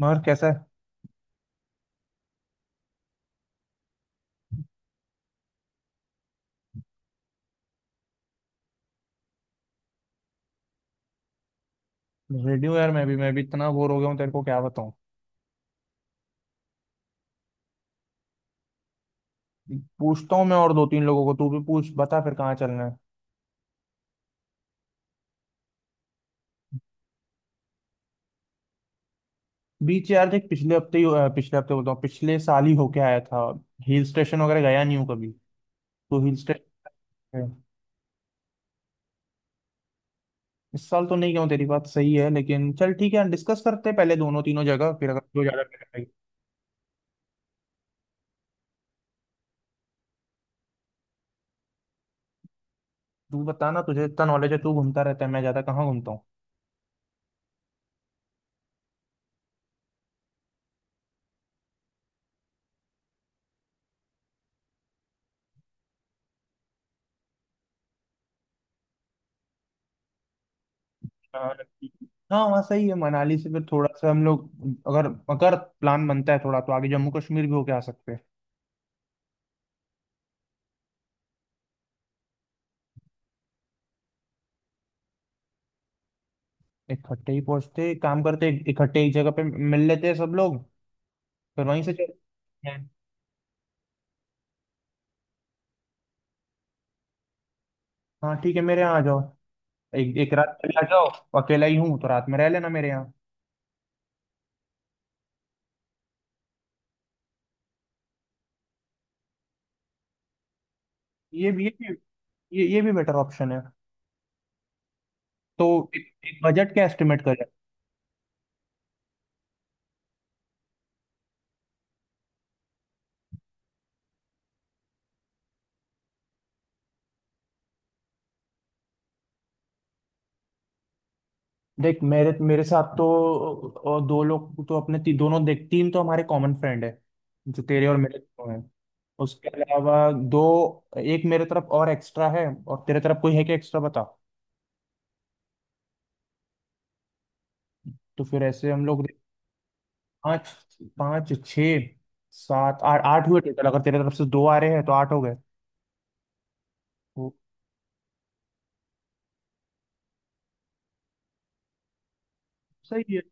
मगर कैसा है रेडियो यार, मैं भी इतना बोर हो गया हूँ तेरे को क्या बताऊँ। पूछता हूँ मैं और दो तीन लोगों को, तू भी पूछ बता फिर कहाँ चलना है। बीच यार, देख पिछले हफ्ते ही पिछले हफ्ते बोलता हूँ, पिछले साल ही होके आया था। हिल स्टेशन वगैरह गया नहीं हूँ कभी। तो हिल स्टेशन इस साल तो नहीं गया हूँ, तेरी बात सही है, लेकिन चल ठीक है, डिस्कस करते हैं पहले दोनों तीनों जगह फिर अगर जो ज्यादा better लगे। तू बता ना, तुझे इतना नॉलेज है, तू घूमता रहता है, मैं ज्यादा कहाँ घूमता। हाँ हाँ, वहाँ सही है। मनाली से फिर थोड़ा सा हम लोग अगर अगर प्लान बनता है थोड़ा, तो आगे जम्मू कश्मीर भी होके आ सकते हैं। इकट्ठे ही पहुंचते, एक काम करते इकट्ठे एक जगह पे मिल लेते हैं सब लोग, फिर वहीं से चलते हैं। हाँ ठीक है, मेरे यहाँ आ जाओ, एक एक रात पहले आ जाओ। अकेला ही हूँ तो रात में रह लेना मेरे यहाँ। ये भी, ये भी, ये भी बेटर ऑप्शन है। तो एक बजट क्या एस्टिमेट करें। देख मेरे मेरे साथ तो और दो लोग तो अपने, दोनों देख, तीन तो हमारे कॉमन फ्रेंड है जो तेरे और मेरे दोनों हैं। उसके अलावा दो, एक मेरे तरफ और एक्स्ट्रा है, और तेरे तरफ कोई है क्या एक्स्ट्रा, बता। तो फिर ऐसे हम लोग पाँच, पाँच छः सात आठ, आठ हुए टोटल। अगर तेरे तरफ से दो आ रहे हैं तो आठ हो गए। तो सही है,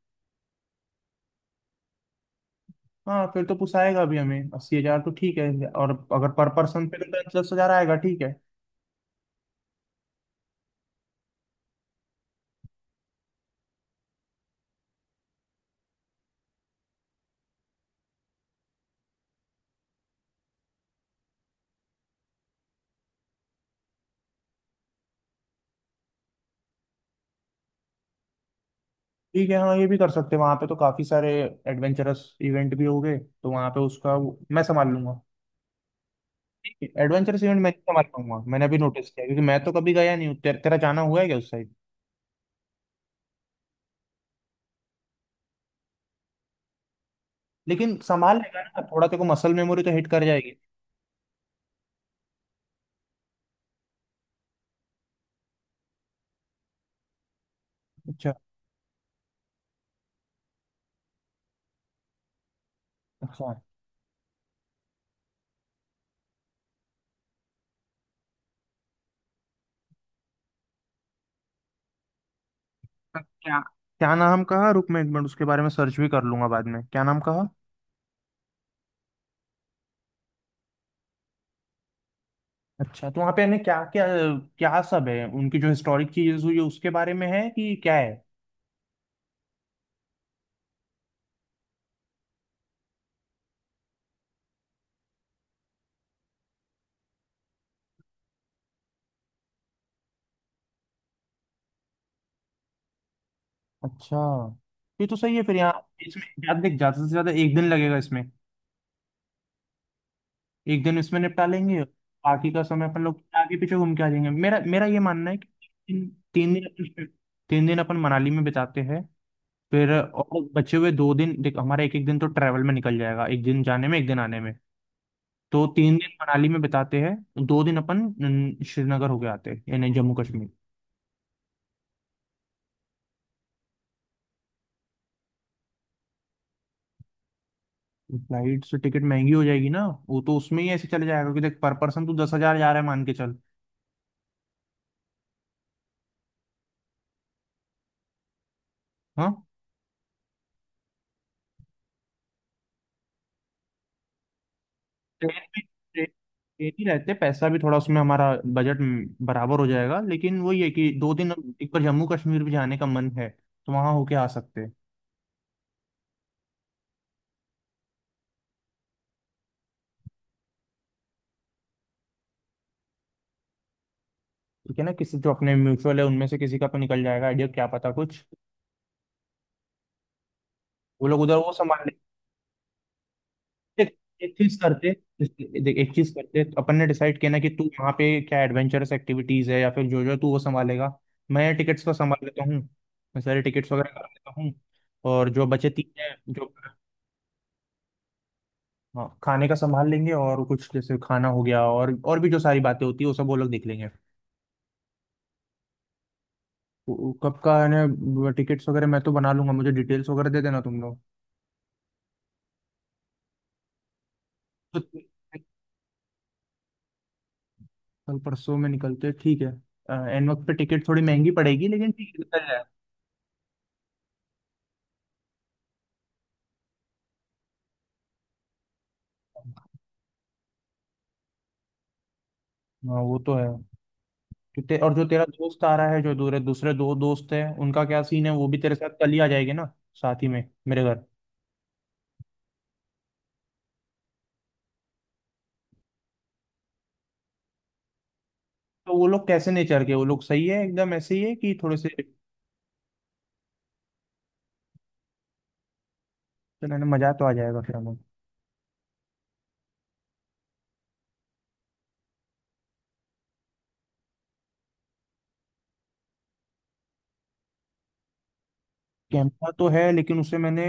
हाँ। फिर तो पुसाएगा भी हमें 80,000, तो ठीक है। और अगर पर पर्सन पे तो दस दस हजार आएगा, ठीक है। ठीक है, हाँ ये भी कर सकते हैं। वहाँ पे तो काफी सारे एडवेंचरस इवेंट भी हो गए, तो वहाँ पे उसका मैं संभाल लूंगा। एडवेंचरस इवेंट मैं इतना मानूंगा, मैंने अभी नोटिस किया, क्योंकि मैं तो कभी गया नहीं हूँ। तेरा जाना हुआ है क्या उस साइड। लेकिन संभाल लेगा ना थोड़ा, तेरे को मसल मेमोरी तो हिट कर जाएगी। अच्छा। अच्छा, तो क्या, क्या नाम कहा, रुक मैं एक मिनट उसके बारे में सर्च भी कर लूंगा बाद में, क्या नाम कहा। अच्छा, तो वहाँ पे यानी क्या क्या, क्या सब है, उनकी जो हिस्टोरिक चीजें हुई है, उसके बारे में है कि क्या है। अच्छा, ये तो सही है। फिर यहाँ इसमें ज्यादा देख, ज्यादा से ज्यादा एक दिन लगेगा इसमें, एक दिन इसमें निपटा लेंगे। बाकी का समय अपन लोग आगे पीछे घूम के आ जाएंगे। मेरा मेरा ये मानना है कि तीन तीन दिन अपन मनाली में बिताते हैं। फिर और बचे हुए 2 दिन, देख हमारा एक एक दिन तो ट्रैवल में निकल जाएगा, एक दिन जाने में एक दिन आने में। तो 3 दिन मनाली में बिताते हैं, दो दिन अपन न, श्रीनगर होके आते हैं, यानी जम्मू कश्मीर। फ्लाइट से टिकट महंगी हो जाएगी ना, वो तो उसमें ही ऐसे चले जाएगा कि देख पर पर्सन तू 10,000 जा रहा है मान के चल। हाँ। ट्रेन में ट्रेन ट्रेन ही रहते, पैसा भी थोड़ा उसमें हमारा बजट बराबर हो जाएगा। लेकिन वही है कि दो दिन, एक बार जम्मू कश्मीर भी जाने का मन है तो वहां होके आ सकते हैं। ठीक है ना, किसी जो अपने म्यूचुअल है उनमें से किसी का तो निकल जाएगा आइडिया, क्या पता, कुछ वो लोग उधर वो संभाल लेंगे। देख, एक चीज करते एक चीज करते, तो अपन ने डिसाइड किया ना कि तू वहाँ पे क्या एडवेंचरस एक्टिविटीज है या फिर जो जो है, तू वो संभालेगा। मैं टिकट्स का संभाल लेता हूँ, मैं सारे टिकट्स वगैरह कर लेता हूँ। और जो बचे तीन है जो, हाँ खाने का संभाल लेंगे और कुछ जैसे खाना हो गया और भी जो सारी बातें होती है वो सब वो लोग देख लेंगे। वो कब का है ना, टिकट्स वगैरह मैं तो बना लूंगा, मुझे डिटेल्स वगैरह दे देना तुम लोग। तो कल परसों में निकलते हैं, ठीक है। एन वक्त पे टिकट थोड़ी महंगी पड़ेगी, लेकिन ठीक है निकल जाएगा। हाँ वो तो है। तो और जो तेरा दोस्त आ रहा है, जो दूसरे दूसरे दो दोस्त है, उनका क्या सीन है, वो भी तेरे साथ कल ही आ जाएंगे ना, साथ ही में मेरे घर। तो वो लोग कैसे नेचर के, वो लोग सही है एकदम ऐसे ही है कि थोड़े से। चलो ना, मजा तो आ जाएगा फिर हमें। कैमरा तो है, लेकिन उसे मैंने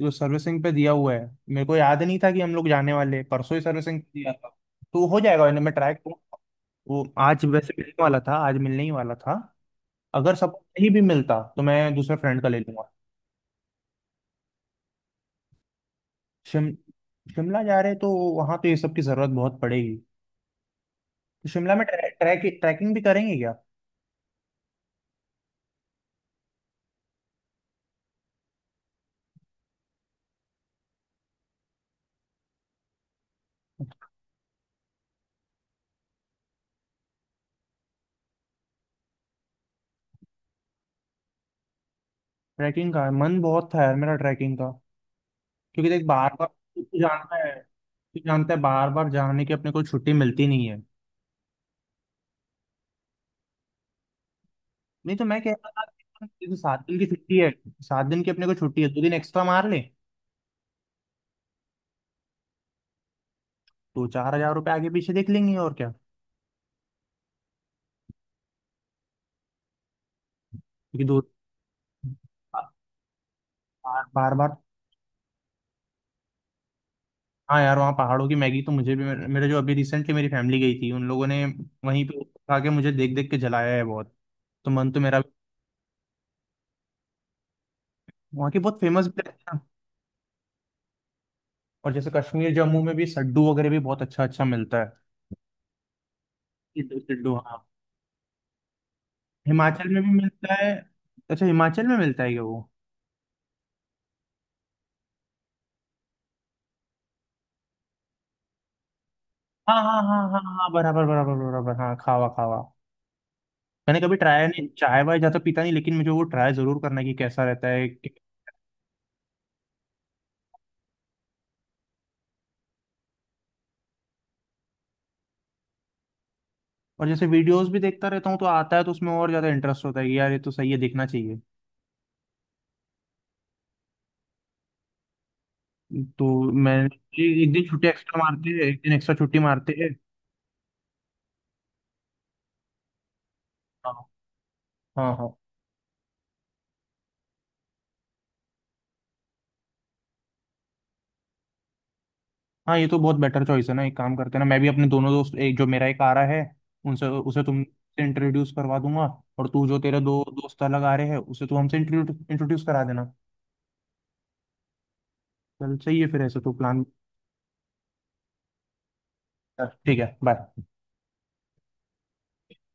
जो सर्विसिंग पे दिया हुआ है, मेरे को याद नहीं था कि हम लोग जाने वाले हैं। परसों ही सर्विसिंग पे दिया था। तो हो जाएगा, मैं ट्राई करूँगा। वो आज वैसे मिलने वाला था, आज मिलने ही वाला था। अगर सब नहीं भी मिलता तो मैं दूसरे फ्रेंड का ले लूंगा। शिम शिमला जा रहे हैं, तो वहाँ तो ये सब की ज़रूरत बहुत पड़ेगी। तो शिमला में ट्रैकिंग भी करेंगे क्या। ट्रैकिंग का मन बहुत था यार मेरा, ट्रैकिंग का। क्योंकि देख बार बार तू जानता है, तू जानता है बार बार जाने की अपने को छुट्टी मिलती नहीं है। नहीं तो मैं कह रहा था कि जैसे 7 दिन की छुट्टी है, 7 दिन की अपने को छुट्टी है, 2 दिन एक्स्ट्रा मार ले। तो ₹4,000 आगे पीछे देख लेंगे, और क्या। क्योंकि दो, बार बार बार। हाँ यार, वहाँ पहाड़ों की मैगी तो मुझे भी, मेरे मेरे जो अभी रिसेंटली मेरी फैमिली गई थी उन लोगों ने वहीं पे खा के मुझे देख देख के जलाया है बहुत। तो मन तो मेरा भी, वहाँ की बहुत फेमस भी है ना। और जैसे कश्मीर जम्मू में भी सड्डू वगैरह भी बहुत अच्छा अच्छा मिलता है। सिड्डू, सिड्डू, हाँ। हिमाचल में भी मिलता है। अच्छा, हिमाचल में मिलता है क्या वो। हाँ हाँ हाँ हाँ हाँ हाँ, बराबर बराबर बराबर, हाँ, खावा, खावा। मैंने कभी ट्राई नहीं, चाय वाय ज्यादा पीता नहीं, लेकिन मुझे वो ट्राई जरूर करना है कि कैसा रहता है। और जैसे वीडियोस भी देखता रहता हूँ तो आता है, तो उसमें और ज्यादा इंटरेस्ट होता है कि यार ये तो सही है, देखना चाहिए। तो मैं एक दिन छुट्टी एक्स्ट्रा मारते हैं, एक दिन एक्स्ट्रा छुट्टी मारते हैं। हाँ हाँ हाँ हाँ, ये तो बहुत बेटर चॉइस है ना। एक काम करते हैं ना, मैं भी अपने दोनों दोस्त, एक जो मेरा एक आ रहा है, उनसे उसे तुम इंट्रोड्यूस करवा दूंगा। और तू जो तेरे दो दोस्त अलग आ रहे हैं, उसे तू हमसे इंट्रोड्यूस करा देना। चल सही है, फिर ऐसे तो प्लान। हाँ, ठीक है, बाय।